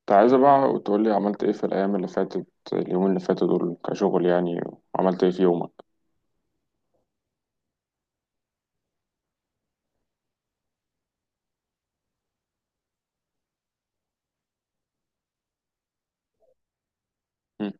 كنت عايزة بقى تقولي عملت ايه في الأيام اللي فاتت. اليومين اللي فاتوا دول كشغل يعني عملت ايه في يومك. مم.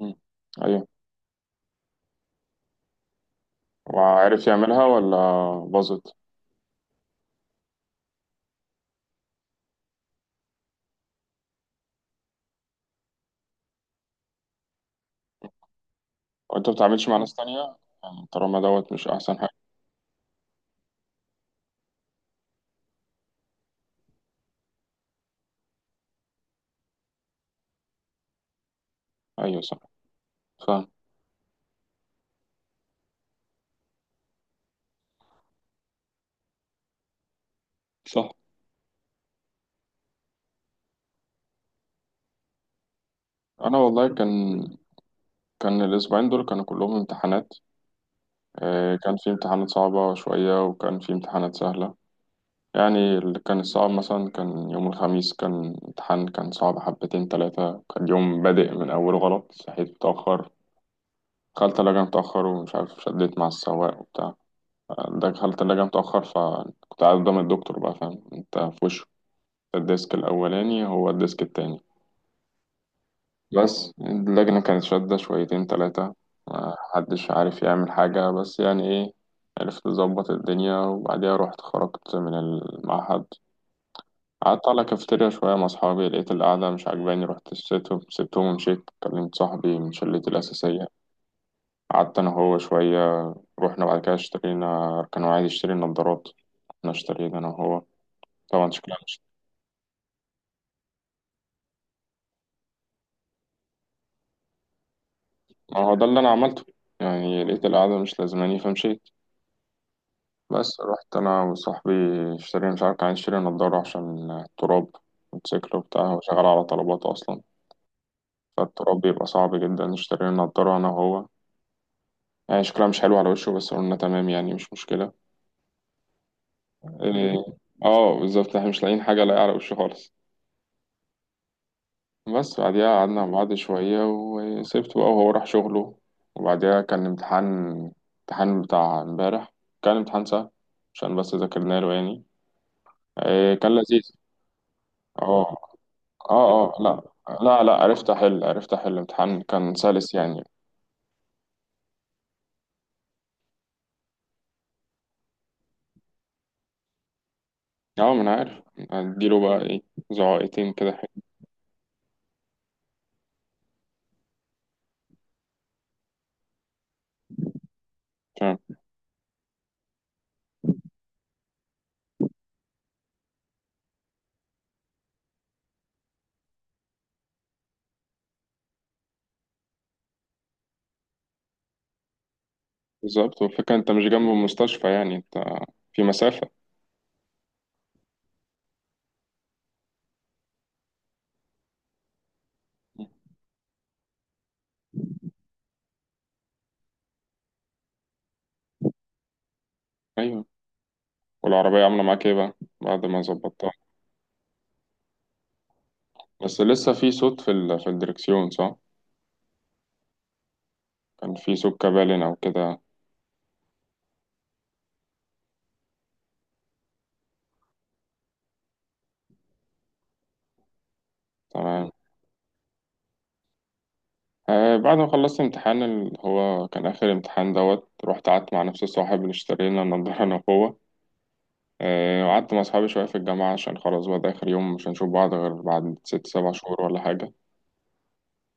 مم. أيوة. وعارف يعملها ولا باظت؟ وانت بتتعاملش مع ناس تانية؟ يعني طالما دوت مش أحسن حاجة. أيوة صح. فاهم. صح. أنا والله كان الأسبوعين دول كانوا كلهم امتحانات. كان في امتحانات صعبة شوية وكان في امتحانات سهلة. يعني اللي كان الصعب مثلا كان يوم الخميس، كان امتحان كان صعب حبتين تلاتة. كان يوم بادئ من أوله غلط، صحيت متأخر، دخلت الثلاجة متأخر ومش عارف شديت مع السواق وبتاع. دخلت الثلاجة متأخر فكنت قاعد قدام الدكتور بقى، فاهم انت، في وشه الديسك الأولاني هو الديسك التاني. بس اللجنة كانت شادة شويتين تلاتة، محدش عارف يعمل حاجة بس يعني ايه. عرفت أظبط الدنيا وبعديها رحت خرجت من المعهد. قعدت على كافيتيريا شوية مع أصحابي، لقيت القعدة مش عاجباني، رحت سبتهم ومشيت. كلمت صاحبي من شلتي الأساسية، قعدت أنا هو شوية. رحنا بعد كده اشترينا، كان هو عايز يشتري نظارات، احنا اشترينا انا وهو. طبعا شكلها مش، ما هو ده اللي انا عملته. يعني لقيت القعدة مش لازماني فمشيت. بس رحت انا وصاحبي اشترينا، مش عارف كان عايز يشتري نضارة عشان التراب. موتوسيكل وبتاع، هو شغال على طلبات اصلا، فالتراب بيبقى صعب جدا. اشترينا نضارة انا وهو. يعني شكلها مش حلو على وشه بس قلنا تمام، يعني مش مشكلة. إيه، اه بالظبط، احنا مش لاقيين حاجة لاقية على وشه خالص. بس بعديها قعدنا مع بعض شوية وسبته بقى وهو راح شغله. وبعديها كان امتحان، امتحان بتاع امبارح، كان امتحان سهل عشان بس ذاكرنا له يعني. إيه كان لذيذ. اه اه. لا، لا عرفت احل، عرفت احل، امتحان كان سلس يعني. اه، ما انا عارف اديله بقى ايه، زعائقتين كده. عشان- بالظبط. والفكرة انت مش جنب المستشفى يعني، انت في مسافة. ايوه. والعربية عاملة معاك ايه بقى بعد ما ظبطتها؟ بس لسه في صوت في في الدركسيون صح؟ كان في سكة بالين أو كده. تمام. آه، بعد ما خلصت امتحان اللي هو كان آخر امتحان دوت، رحت قعدت مع نفس الصاحب اللي اشتري لنا النضارة أنا وهو. آه، وقعدت مع أصحابي شوية في الجامعة عشان خلاص بقى ده آخر يوم، مش هنشوف بعض غير بعد ست سبع شهور ولا حاجة.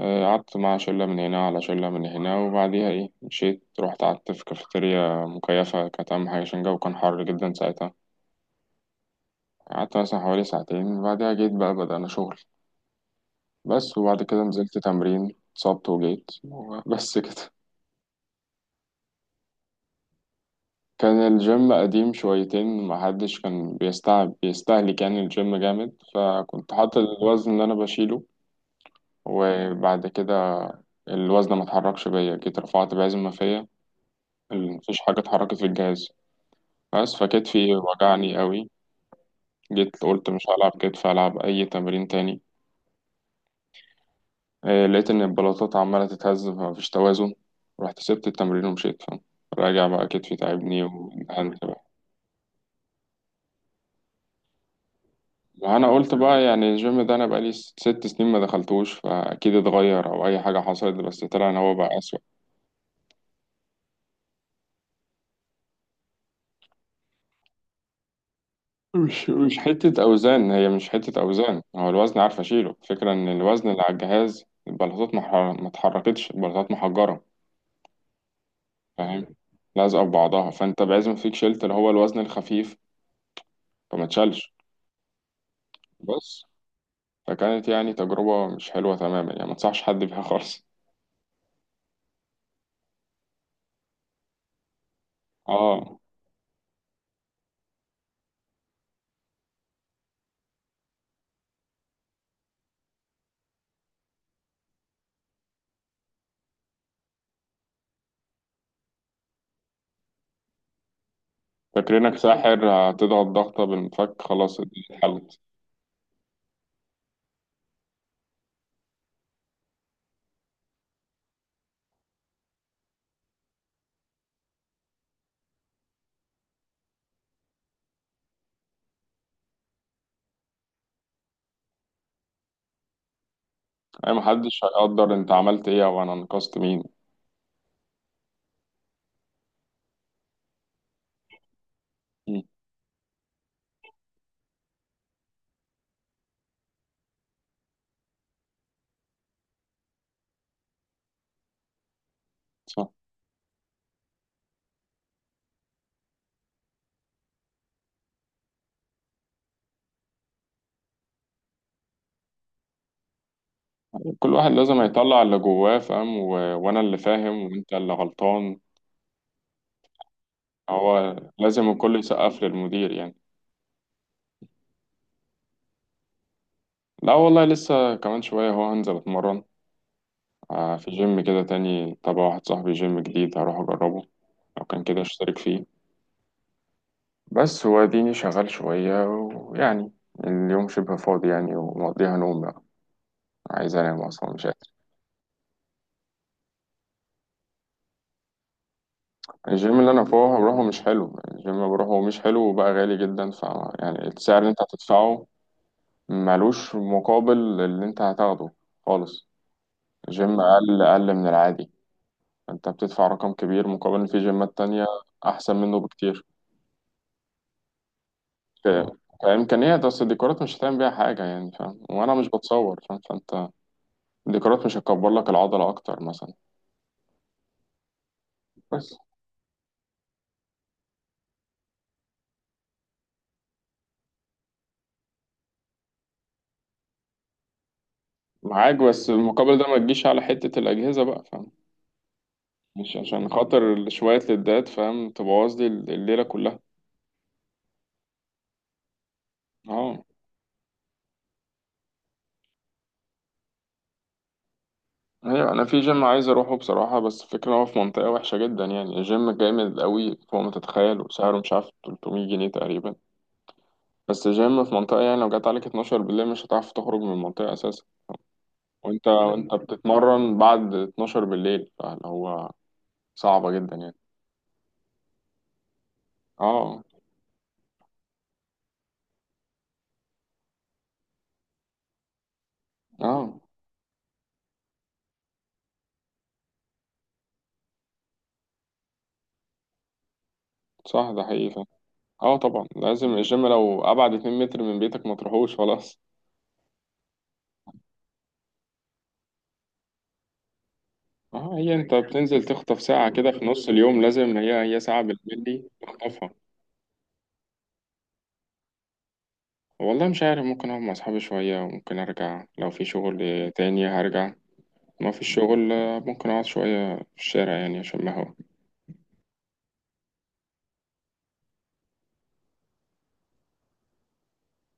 آه، قعدت مع شلة من هنا على شلة من هنا، وبعديها إيه مشيت، رحت قعدت في كافيتيريا مكيفة، كانت أهم حاجة عشان الجو كان حر جدا ساعتها. قعدت مثلا حوالي ساعتين، بعدها جيت بقى بدأنا شغل. بس وبعد كده نزلت تمرين، اتصبت وجيت. بس كده. كان الجيم قديم شويتين، محدش كان بيستعب بيستهلك يعني، الجيم جامد، فكنت حاطط الوزن اللي انا بشيله. وبعد كده الوزن ما اتحركش بيا، جيت رفعت بعزم ما فيا، مفيش حاجة اتحركت في الجهاز. بس فكتفي وجعني قوي. جيت قلت مش هلعب كتف، هلعب اي تمرين تاني. لقيت ان البلاطات عمالة تتهز فمفيش توازن، رحت سبت التمرين ومشيت، فاهم. راجع بقى، كتفي تعبني. وانت، ما انا قلت بقى يعني الجيم ده انا بقالي ست سنين ما دخلتوش، فاكيد اتغير او اي حاجه حصلت، بس طلع ان هو بقى اسوأ. مش حته اوزان، هي مش حته اوزان، هو الوزن عارف اشيله. الفكره ان الوزن اللي على الجهاز البلاطات ما اتحركتش، البلاطات محجره، فاهم، لازقه في بعضها، فانت بعزم فيك شلت اللي هو الوزن الخفيف فما اتشالش. بس فكانت يعني تجربه مش حلوه تماما، يعني ما انصحش حد بيها خالص. اه. فاكرينك ساحر هتضغط ضغطه بالمفك خلاص اتحلت. أي محدش هيقدر أنت عملت إيه أو أنا أنقذت مين. مم. صح. كل واحد لازم يطلع اللي جواه، وأنا اللي فاهم وأنت اللي غلطان. هو لازم الكل يسقف للمدير يعني. لا والله، لسه كمان شوية هو هنزل أتمرن. في جيم كده تاني تبع واحد صاحبي، جيم جديد هروح أجربه. لو كان كده اشترك فيه. بس هو اديني شغال شوية ويعني اليوم شبه فاضي يعني، ومقضيها نوم بقى، عايز أنام أصلا مش. الجيم اللي انا فوق بروحه مش حلو، الجيم اللي بروحه مش حلو وبقى غالي جدا، ف يعني السعر اللي انت هتدفعه ملوش مقابل اللي انت هتاخده خالص. الجيم اقل اقل من العادي، انت بتدفع رقم كبير مقابل ان في جيمات تانية احسن منه بكتير. ك- كامكانيات، اصل الديكورات مش هتعمل بيها حاجه يعني، فاهم، وانا مش بتصور فاهم، فانت الديكورات مش هتكبر لك العضله اكتر مثلا. بس معاك، بس المقابل ده ما تجيش على حته الاجهزه بقى فاهم، مش عشان خاطر شوية لدات فاهم تبوظ لي الليلة كلها. اه. ايوه، انا في جيم عايز اروحه بصراحة، بس الفكرة هو في منطقة وحشة جدا، يعني الجيم جامد قوي فوق ما تتخيل وسعره مش عارف 300 جنيه تقريبا. بس الجيم في منطقة يعني لو جت عليك 12 بالليل مش هتعرف تخرج من المنطقة اساسا. وانت بتتمرن بعد 12 بالليل فاللي هو صعبة جدا يعني. اه اه. صح، ده حقيقي فاهم. اه طبعا، لازم الجيم لو ابعد 2 متر من بيتك ما تروحوش خلاص. اه، هي انت بتنزل تخطف ساعة كده في نص اليوم، لازم هي ساعة بالليل دي تخطفها. والله مش عارف، ممكن اقعد مع اصحابي شوية، وممكن ارجع لو في شغل تاني هرجع. ما في الشغل، ممكن اقعد شوية في الشارع يعني، عشان ما هو.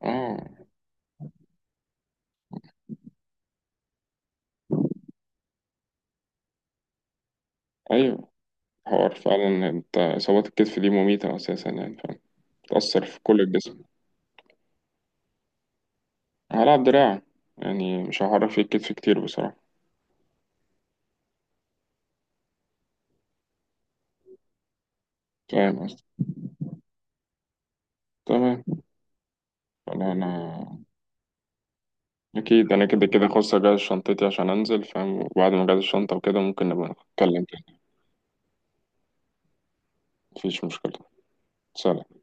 اه. ايوه، حوار فعلا. انت اصابات الكتف دي مميتة اساسا يعني فاهم، بتأثر في كل الجسم. هلعب دراع، يعني مش هعرف في الكتف كتير بصراحة. فاهم قصدي. تمام. والله انا، أكيد أنا كده كده خلاص أجهز شنطتي عشان أنزل فاهم، وبعد ما أجهز الشنطة وكده ممكن نبقى نتكلم تاني. مفيش مشكلة. سلام.